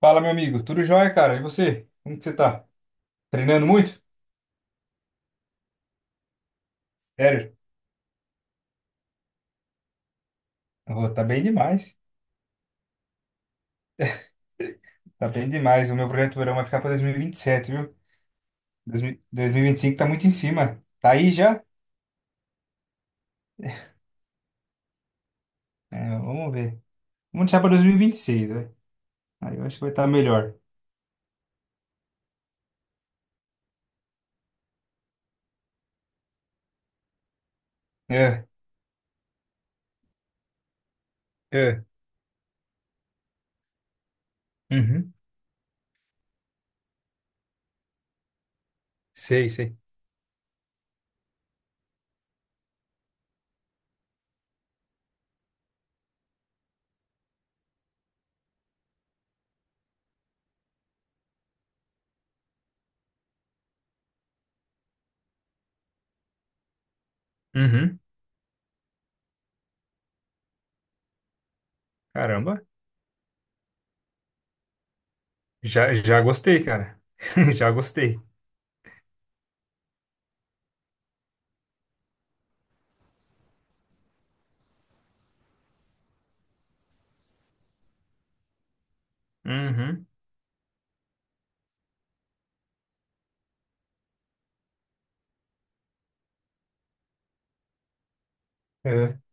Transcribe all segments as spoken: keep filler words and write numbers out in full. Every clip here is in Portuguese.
Fala, meu amigo. Tudo jóia, cara? E você? Como que você tá? Treinando muito? Sério? Ô, tá bem demais. Tá bem demais. O meu projeto verão vai ficar para dois mil e vinte e sete, viu? dois mil dois mil e vinte e cinco tá muito em cima. Tá aí já? É, vamos ver. Vamos deixar para dois mil e vinte e seis, velho. Aí eu acho que vai estar melhor. É, é. Uhum. Sei, sei. Uhum. Caramba. Já, já gostei, cara. Já gostei. Uhum. É.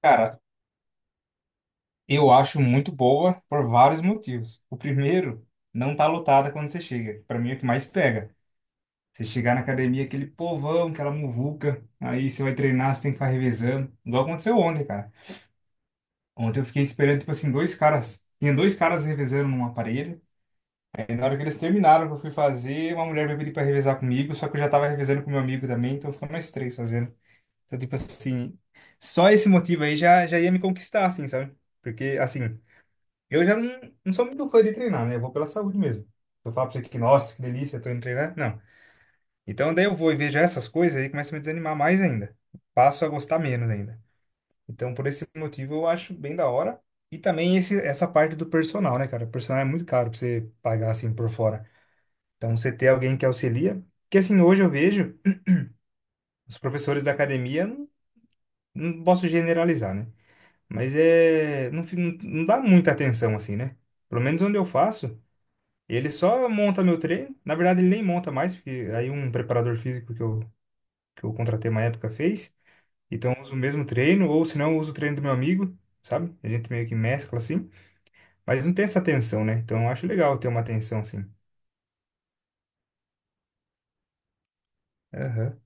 Cara, eu acho muito boa por vários motivos. O primeiro, não tá lotada quando você chega. Para mim é o que mais pega. Você chegar na academia, aquele povão, aquela muvuca, aí você vai treinar, você tem que ficar revezando. Igual aconteceu ontem, cara. Ontem eu fiquei esperando, tipo assim, dois caras. Tinha dois caras revezando num aparelho. Aí na hora que eles terminaram, que eu fui fazer, uma mulher veio pedir pra revezar comigo, só que eu já tava revezando com meu amigo também, então ficou nós três fazendo. Então, tipo assim, só esse motivo aí já, já ia me conquistar, assim, sabe? Porque, assim. Eu já não, não sou muito fã de treinar, né? Eu vou pela saúde mesmo. Se eu falar pra você que, nossa, que delícia, tô indo treinar, não. Então daí eu vou e vejo essas coisas aí começa a me desanimar mais ainda. Passo a gostar menos ainda. Então por esse motivo eu acho bem da hora. E também esse, essa parte do personal, né, cara? O personal é muito caro pra você pagar assim por fora. Então você ter alguém que auxilia. Porque assim, hoje eu vejo os professores da academia, não, não posso generalizar, né? Mas é, não, fi- não não dá muita atenção assim, né? Pelo menos onde eu faço. E ele só monta meu treino. Na verdade, ele nem monta mais, porque aí um preparador físico que eu, que eu contratei uma época fez. Então, eu uso o mesmo treino, ou se não, eu uso o treino do meu amigo, sabe? A gente meio que mescla assim. Mas não tem essa tensão, né? Então, eu acho legal ter uma tensão assim. Aham,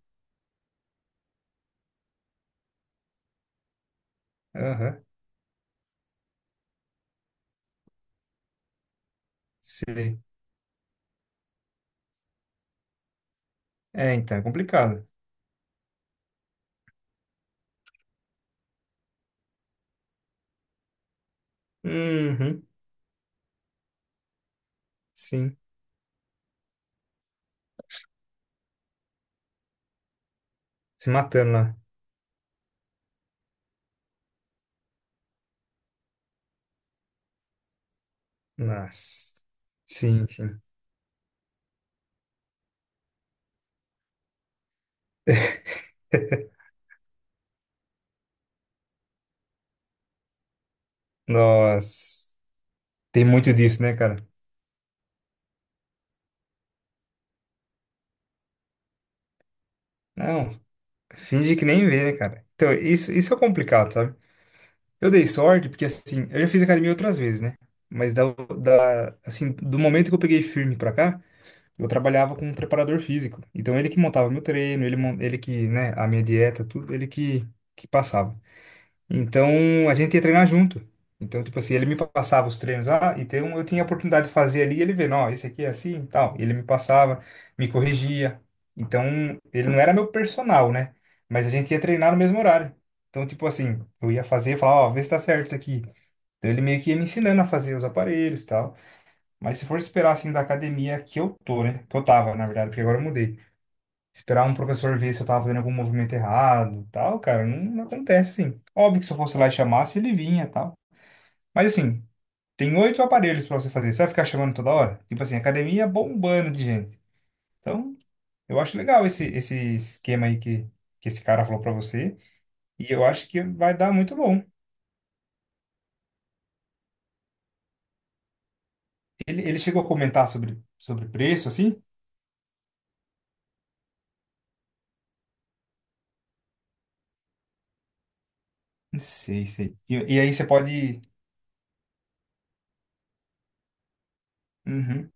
aham. Sei. É, então, é complicado. Uhum, sim. Se matando lá. Nossa. Sim, sim. Nossa. Tem muito disso, né, cara? Não. Finge que nem vê, né, cara? Então, isso, isso é complicado, sabe? Eu dei sorte porque, assim, eu já fiz academia outras vezes, né? Mas da, da, assim, do momento que eu peguei firme pra cá, eu trabalhava com um preparador físico. Então, ele que montava meu treino, ele, mon- ele que, né, a minha dieta, tudo, ele que, que passava. Então a gente ia treinar junto. Então, tipo assim, ele me passava os treinos lá, então eu tinha a oportunidade de fazer ali, e ele vendo, ó, esse aqui é assim, e tal. E ele me passava, me corrigia. Então, ele não era meu personal, né? Mas a gente ia treinar no mesmo horário. Então, tipo assim, eu ia fazer e falava, ó, vê se tá certo isso aqui. Então, ele meio que ia me ensinando a fazer os aparelhos e tal. Mas se for esperar assim da academia que eu tô, né? Que eu tava, na verdade, porque agora eu mudei. Esperar um professor ver se eu tava fazendo algum movimento errado, tal, cara, não, não acontece assim. Óbvio que se eu fosse lá e chamasse, ele vinha, tal. Mas assim, tem oito aparelhos pra você fazer. Você vai ficar chamando toda hora? Tipo assim, academia bombando de gente. Então, eu acho legal esse, esse esquema aí que, que esse cara falou pra você. E eu acho que vai dar muito bom. Ele, ele chegou a comentar sobre, sobre preço, assim? Não sei, sei. E, e aí você pode. Uhum.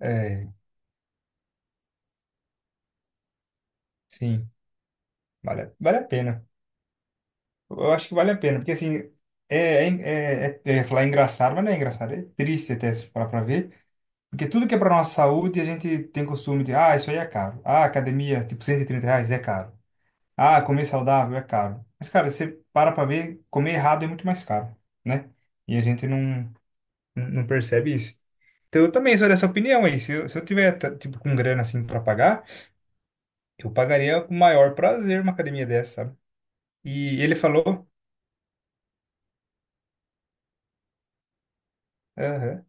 É, sim. Vale, a- vale a pena. Eu acho que vale a pena, porque assim, é, é, é, é, é falar engraçado, mas não é engraçado, é triste até se parar pra ver, porque tudo que é pra nossa saúde, a gente tem costume de, ah, isso aí é caro. Ah, academia, tipo, cento e trinta reais é caro. Ah, comer saudável é caro. Mas, cara, você para pra ver, comer errado é muito mais caro, né? E a gente não, não percebe isso. Então, eu também sou dessa opinião aí. Se eu, se eu tiver, tá, tipo, com grana, assim, pra pagar, eu pagaria com o maior prazer uma academia dessa, sabe? E ele falou, aham,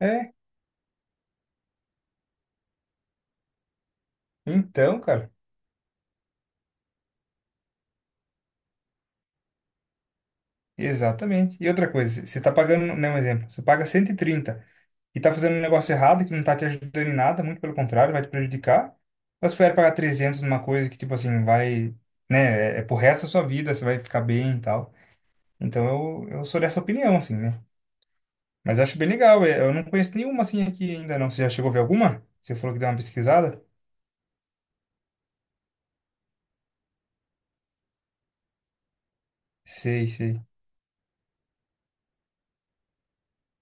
é, então, cara. Exatamente. E outra coisa, você está pagando, né, um exemplo, você paga cento e trinta e está fazendo um negócio errado que não está te ajudando em nada, muito pelo contrário, vai te prejudicar. Mas espera pagar trezentos numa coisa que, tipo assim, vai, né, é, é pro resto da sua vida, você vai ficar bem e tal. Então eu, eu sou dessa opinião, assim, né? Mas acho bem legal, é, eu não conheço nenhuma assim aqui ainda não. Você já chegou a ver alguma? Você falou que deu uma pesquisada? Sei, sei.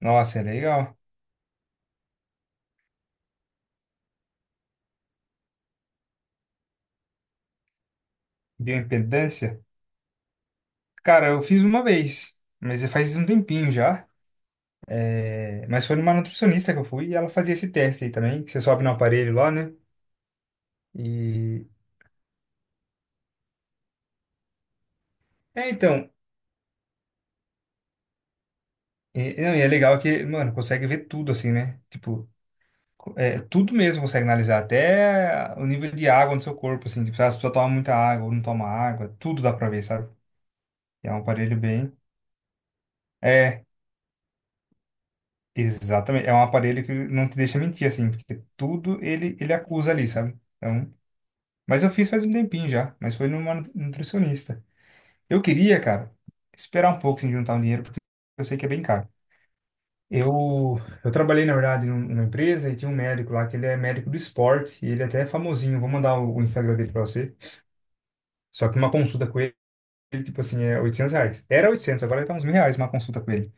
Nossa, é legal. Bioimpedância? Cara, eu fiz uma vez, mas faz um tempinho já. É, mas foi numa nutricionista que eu fui e ela fazia esse teste aí também, que você sobe no aparelho lá, né? E. É, então. E, não, e é legal que, mano, consegue ver tudo assim, né? Tipo, é, tudo mesmo consegue analisar, até o nível de água no seu corpo, assim. Tipo, se a pessoa toma muita água ou não toma água, tudo dá pra ver, sabe? É um aparelho bem. É, exatamente. É um aparelho que não te deixa mentir, assim, porque tudo ele, ele acusa ali, sabe? Então. Mas eu fiz faz um tempinho já, mas foi numa nutricionista. Eu queria, cara, esperar um pouco sem juntar um dinheiro, porque eu sei que é bem caro. Eu, eu trabalhei, na verdade, num- numa empresa e tinha um médico lá, que ele é médico do esporte, e ele até é famosinho. Vou mandar o, o Instagram dele pra você. Só que uma consulta com ele, ele, tipo assim, é oitocentos reais. Era oitocentos, agora tá uns mil reais uma consulta com ele.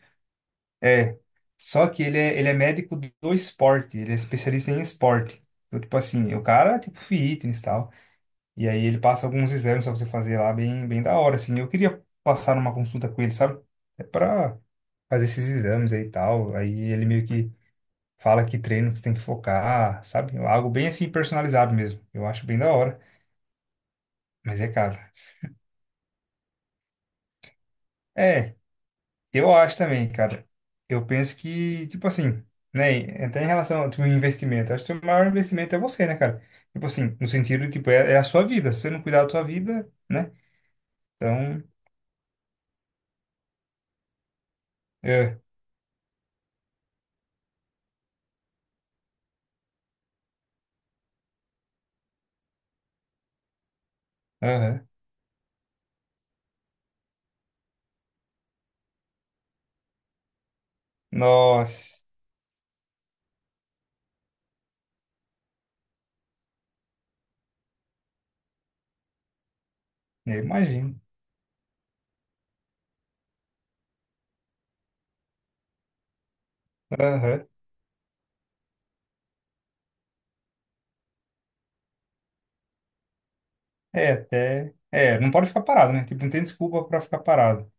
É, só que ele é, ele é médico do esporte, ele é especialista em esporte. Então, tipo assim, o cara é tipo fitness e tal. E aí ele passa alguns exames pra você fazer lá bem, bem da hora, assim. Eu queria passar numa consulta com ele, sabe? É pra fazer esses exames aí e tal. Aí ele meio que fala que treino que você tem que focar, sabe? Algo bem assim personalizado mesmo. Eu acho bem da hora, mas é caro. É, eu acho também, cara. Eu penso que, tipo assim, né? Até em relação ao teu investimento, acho que o teu maior investimento é você, né, cara? Tipo assim, no sentido, tipo, é, é a sua vida. Se você não cuidar da sua vida, né? Então, é, aham. Nossa. Eu imagino. Aham. É, até. É, não pode ficar parado, né? Tipo, não tem desculpa pra ficar parado.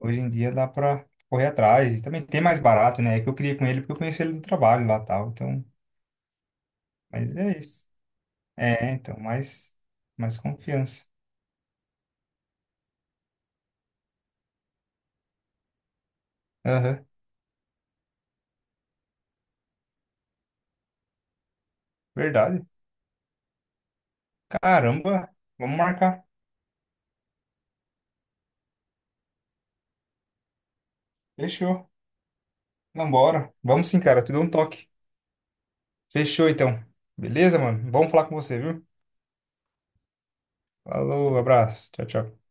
Hoje em dia dá pra correr atrás. E também tem mais barato, né? É que eu queria com ele porque eu conheci ele do trabalho lá e tal. Então, mas é isso. É, então, mais, mais confiança. Aham. Verdade. Caramba. Vamos marcar. Fechou. Vambora. Vamos sim, cara. Tu deu um toque. Fechou, então. Beleza, mano? Vamos falar com você, viu? Falou, abraço. Tchau, tchau.